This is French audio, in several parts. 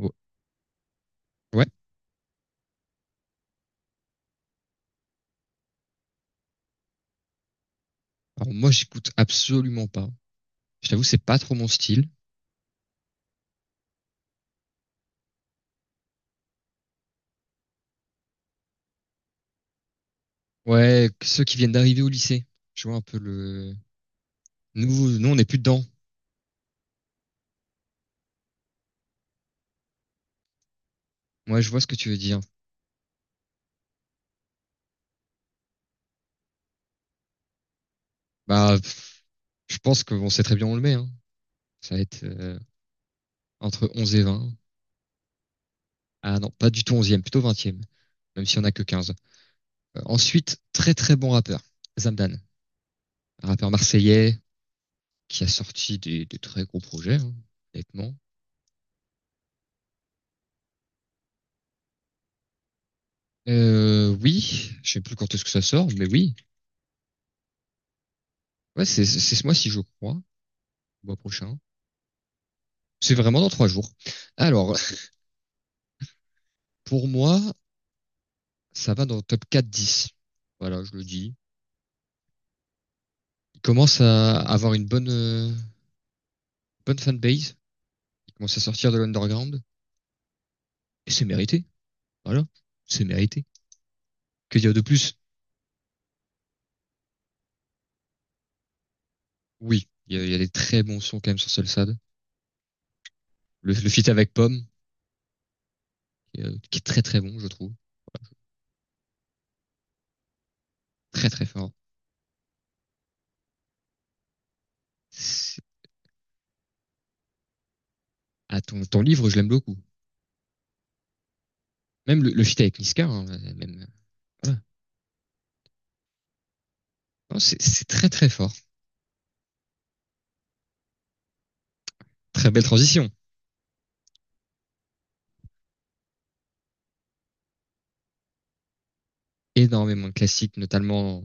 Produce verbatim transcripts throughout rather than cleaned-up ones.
Ou- Ouais. Alors moi, j'écoute absolument pas. Je t'avoue, c'est pas trop mon style. Ouais, que ceux qui viennent d'arriver au lycée. Je vois un peu le... Nous, nous, on n'est plus dedans. Moi, je vois ce que tu veux dire. Bah, pff, je pense que on sait très bien où on le met, hein. Ça va être euh, entre onze et vingt. Ah non, pas du tout onzième, plutôt vingtième. Même si on a que quinze. Euh, ensuite, très très bon rappeur. Zamdan. Un rappeur marseillais qui a sorti des, des très gros projets, hein, honnêtement. Euh, oui, je sais plus quand est-ce que ça sort, mais oui. Ouais, c'est c'est ce mois-ci, je crois, le mois prochain. C'est vraiment dans trois jours. Alors, pour moi, ça va dans le top quatre dix. Voilà, je le dis. Il commence à avoir une bonne, euh, bonne fanbase. Il commence à sortir de l'underground. Et c'est mérité. Voilà, c'est mérité. Que dire de plus? Oui, il y a, il y a des très bons sons quand même sur Solsad. Le, le feat avec Pomme, qui, est euh, qui est très très bon, je trouve. Très très fort. C'est- Ah, ton, ton livre, je l'aime beaucoup. Même le, le feat avec Niska, hein, même. Voilà. Non, c'est c'est très très fort. Très belle transition. Énormément de classiques, notamment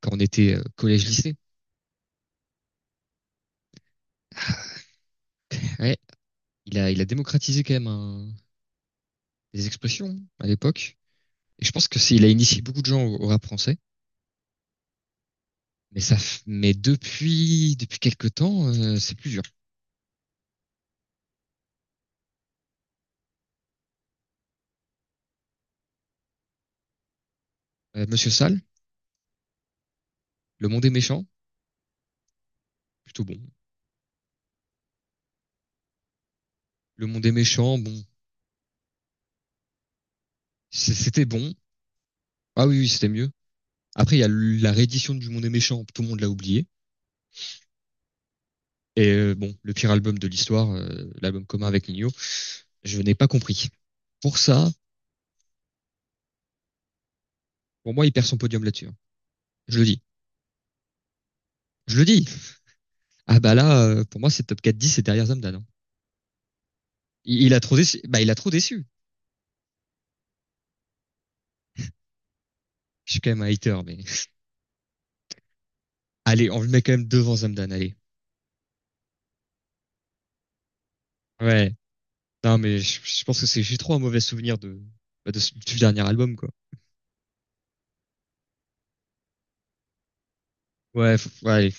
quand on était collège-lycée. Ouais, il a, il a démocratisé quand même un- des expressions à l'époque. Et je pense que c'est, il a initié beaucoup de gens au, au rap français. Mais ça, mais depuis, depuis quelques temps, euh, c'est plus dur. Euh, Monsieur Sall, Le Monde est méchant, plutôt bon. Le Monde est méchant, bon, c'est- c'était bon. Ah oui, oui, c'était mieux. Après, il y a la réédition du Monde est méchant, tout le monde l'a oublié. Et euh, bon, le pire album de l'histoire, euh, l'album commun avec Nino. Je n'ai pas compris. Pour ça, pour moi, il perd son podium là-dessus, hein. Je le dis. Je le dis. Ah bah là, euh, pour moi, c'est top quatre dix et derrière Zamdan, hein. Il, il a trop déçu. Bah, il a trop déçu. Je suis quand même un hater, mais allez, on le met quand même devant Zamdan, allez. Ouais. Non, mais je, je pense que c'est j'ai trop un mauvais souvenir de, bah, de du dernier album, quoi. Ouais, faut- ouais, allez.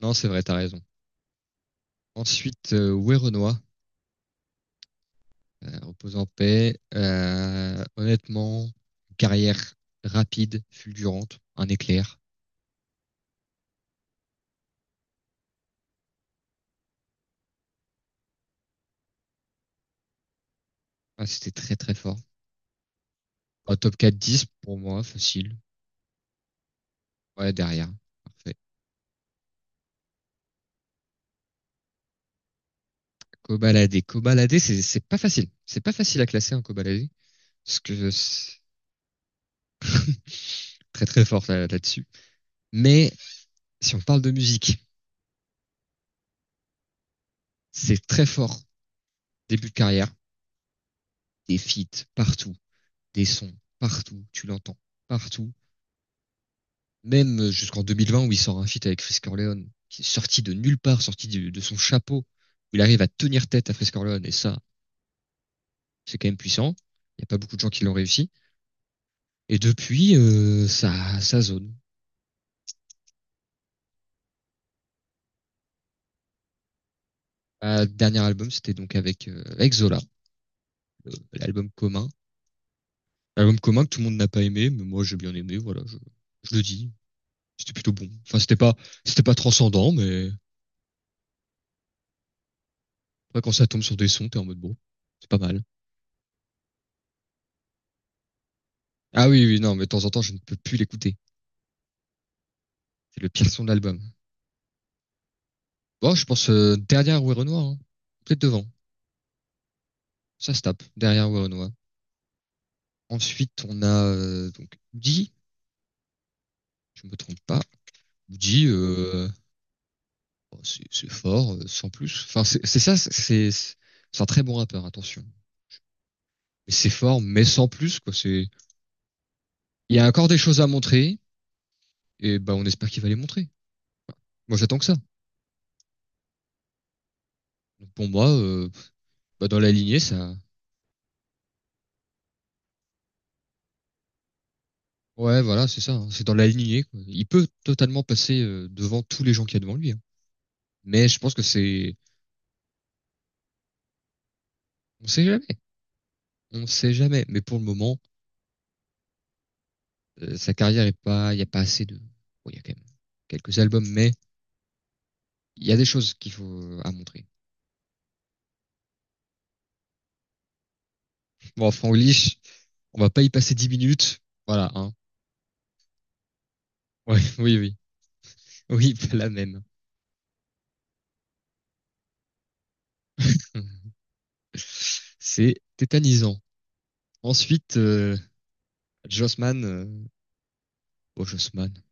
Non, c'est vrai, t'as raison. Ensuite, euh, Ouai Renoir, euh, repose en paix. Euh, honnêtement, carrière rapide, fulgurante, un éclair. Ah, c'était très très fort. Un top quatre dix pour moi, facile. Ouais, derrière. Parfait. Cobaladé. Cobaladé, c'est c'est pas facile. C'est pas facile à classer un cobaladé. Parce que c'est très très fort là- là-dessus. Mais si on parle de musique, c'est très fort. Début de carrière, des feats partout, des sons partout, tu l'entends partout. Même jusqu'en deux mille vingt où il sort un feat avec Frisk Orleans, qui est sorti de nulle part, sorti du- de son chapeau. Il arrive à tenir tête à Frisk Orleans et ça, c'est quand même puissant. Il n'y a pas beaucoup de gens qui l'ont réussi. Et depuis, euh, ça, ça zone. Ma dernier album, c'était donc avec, euh, avec Zola, euh, l'album commun. L'album commun que tout le monde n'a pas aimé, mais moi j'ai bien aimé, voilà, je, je le dis. C'était plutôt bon. Enfin, c'était pas, c'était pas transcendant, mais après, quand ça tombe sur des sons, t'es en mode bon, c'est pas mal. Ah oui, oui, non, mais de temps en temps, je ne peux plus l'écouter. C'est le pire son de l'album. Bon, je pense euh, derrière Ouai Renoir, hein. Peut-être devant. Ça se tape, derrière Ouai Renoir. Ensuite, on a euh, donc Woody, je me trompe pas. Woody, euh, bon. C'est c'est fort, euh, sans plus. Enfin, c'est c'est ça, c'est c'est un très bon rappeur, attention. Mais c'est fort, mais sans plus, quoi. C'est, il y a encore des choses à montrer, et bah, on espère qu'il va les montrer. Enfin, moi, j'attends que ça. Donc, pour moi, euh, bah, dans la lignée, ça. Ouais, voilà, c'est ça, hein. C'est dans la lignée, quoi. Il peut totalement passer euh, devant tous les gens qu'il y a devant lui, hein. Mais je pense que c'est. On sait jamais. On sait jamais. Mais pour le moment, euh, sa carrière est pas. Il n'y a pas assez de. Bon, il y a quand même quelques albums, mais il y a des choses qu'il faut euh, à montrer. Bon, Franglish, on va pas y passer dix minutes. Voilà, hein. Ouais, oui, oui. Oui, pas la même. C'est tétanisant. Ensuite, euh, Jossman. Euh, oh, Jossman.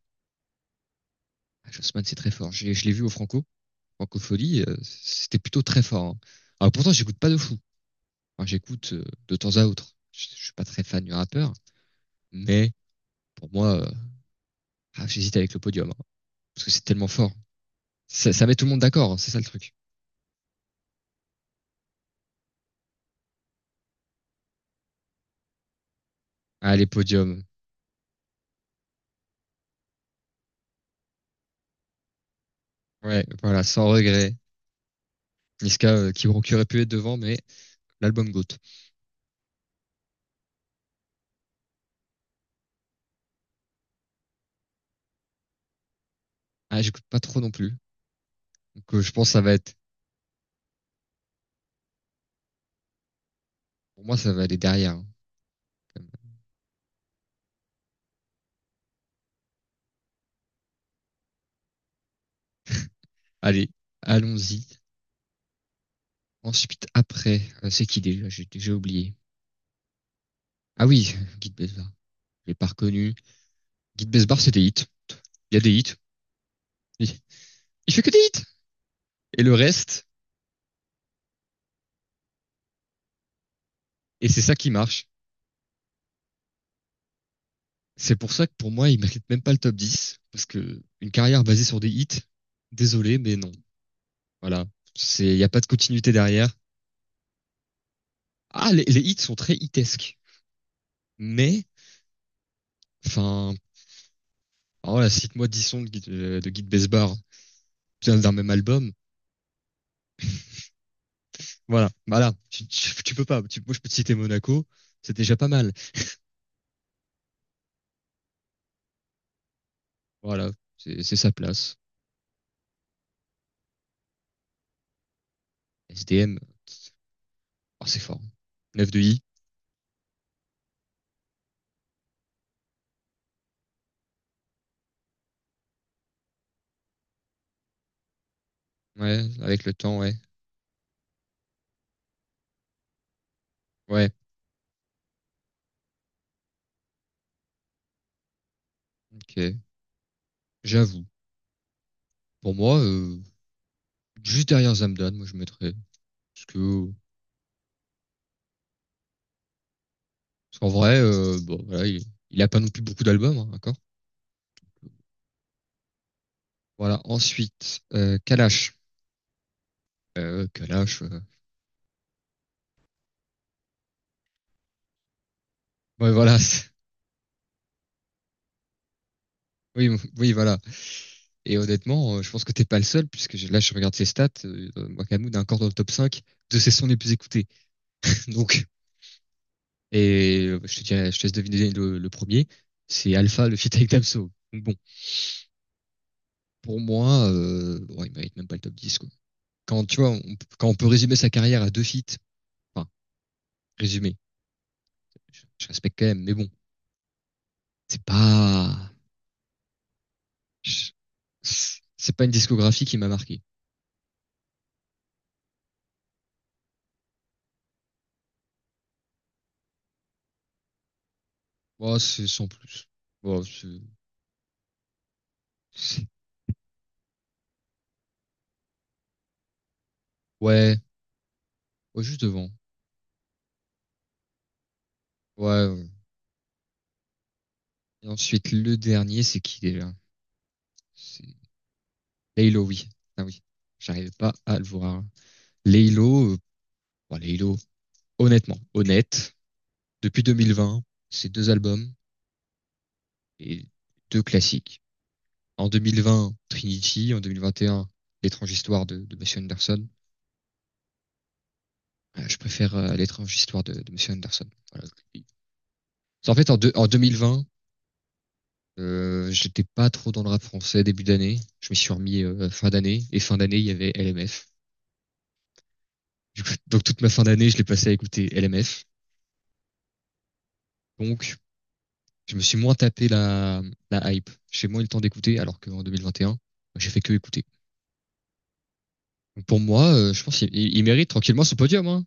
Ah, Jossman, c'est très fort. J'ai- Je l'ai vu au Franco, Francofolie. Euh, c'était plutôt très fort, hein. Alors pourtant, j'écoute pas de fou. Enfin, j'écoute euh, de temps à autre. Je, je suis pas très fan du rappeur, mais pour moi, euh, ah, j'hésite avec le podium, hein, parce que c'est tellement fort. Ça, ça met tout le monde d'accord, hein, c'est ça le truc. Ah, les podiums. Ouais, voilà, sans regret. Niska euh, qui, qui, aurait pu être devant, mais l'album Goat. Ah, j'écoute pas trop non plus. Donc, euh, je pense que ça va être, pour moi, ça va aller derrière, hein, quand même. Allez, allons-y. Ensuite, après, euh, c'est qui déjà? J'ai j'ai oublié. Ah oui, Guide Besbar. Je l'ai pas reconnu. Guide Besbar, c'est des hits. Il y a des hits. Il fait que des hits. Et le reste, et c'est ça qui marche. C'est pour ça que pour moi, il mérite même pas le top dix. Parce que une carrière basée sur des hits, désolé, mais non. Voilà. C'est, il n'y a pas de continuité derrière. Ah, les, les hits sont très hitesques. Mais, enfin, oh, voilà, cite-moi dix sons de, Guy- euh, de Guy de Besbar d'un même album. Voilà, voilà, tu, tu, tu peux pas. Tu- moi, je peux te citer Monaco, c'est déjà pas mal. Voilà, c'est c'est sa place. S D M, oh, c'est fort. neuf de I, ouais, avec le temps, ouais. Ouais, ok, j'avoue. Pour moi, euh, juste derrière Zamdan, moi, je mettrais. Parce que, Parce qu'en vrai, euh, bon, voilà, il, il a pas non plus beaucoup d'albums, hein, d'accord? Voilà, ensuite, euh, Kalash. Euh, Kalash, euh, ouais, voilà, c'est- Oui, oui, voilà. Et honnêtement, euh, je pense que t'es pas le seul, puisque j'ai- là, je regarde ses stats. Euh, Wakamoon est encore dans le top cinq de ses sons les plus écoutés. Donc, et euh, je te dirais, je te laisse deviner le, le premier. C'est Alpha, le feat avec Damso. Donc bon, pour moi, euh, bon, il mérite même pas le top dix, quoi. Quand, tu vois, on, quand on peut résumer sa carrière à deux feats, enfin, résumer, je, je respecte quand même, mais bon, c'est pas, je- c'est pas une discographie qui m'a marqué. Moi, c'est sans plus. Bon, c'est- c'est- ouais, ouais, juste devant. Ouais, ouais. Et ensuite, le dernier, c'est qui déjà? C'est Laylo, oui. Ah oui, j'arrive pas à le voir. Laylo, euh, bon, Laylo, honnêtement, honnête, depuis deux mille vingt, c'est deux albums et deux classiques. En deux mille vingt, Trinity, en deux mille vingt et un, L'étrange histoire de, de Monsieur Anderson. Euh, je préfère euh, L'étrange histoire de, de Monsieur Anderson. Voilà. En fait, en, deux- en deux mille vingt, euh, j'étais pas trop dans le rap français début d'année. Je m'y suis remis euh, fin d'année et fin d'année, il y avait L M F. Du coup, donc toute ma fin d'année, je l'ai passé à écouter L M F. Donc, je me suis moins tapé la, la hype. J'ai moins eu le temps d'écouter, alors qu'en deux mille vingt et un, j'ai fait que écouter. Donc pour moi, euh, je pense qu'il il- il mérite tranquillement son podium, hein,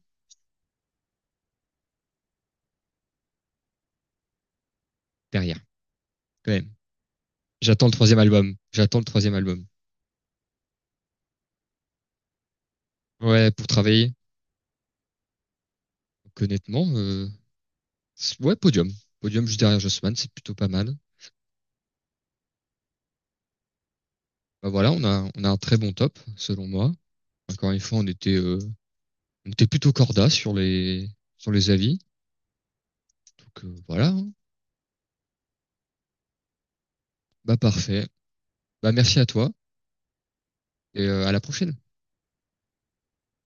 derrière, quand même. J'attends le troisième album. J'attends le troisième album. Ouais, pour travailler. Donc, honnêtement, euh, c'est- ouais, podium. Podium juste derrière Jossman, c'est plutôt pas mal. Bah voilà, on a, on a un très bon top, selon moi. Encore une fois, on était, euh, on était plutôt corda sur les, sur les avis. Donc euh, voilà, hein. Bah parfait. Bah, merci à toi et euh, à la prochaine.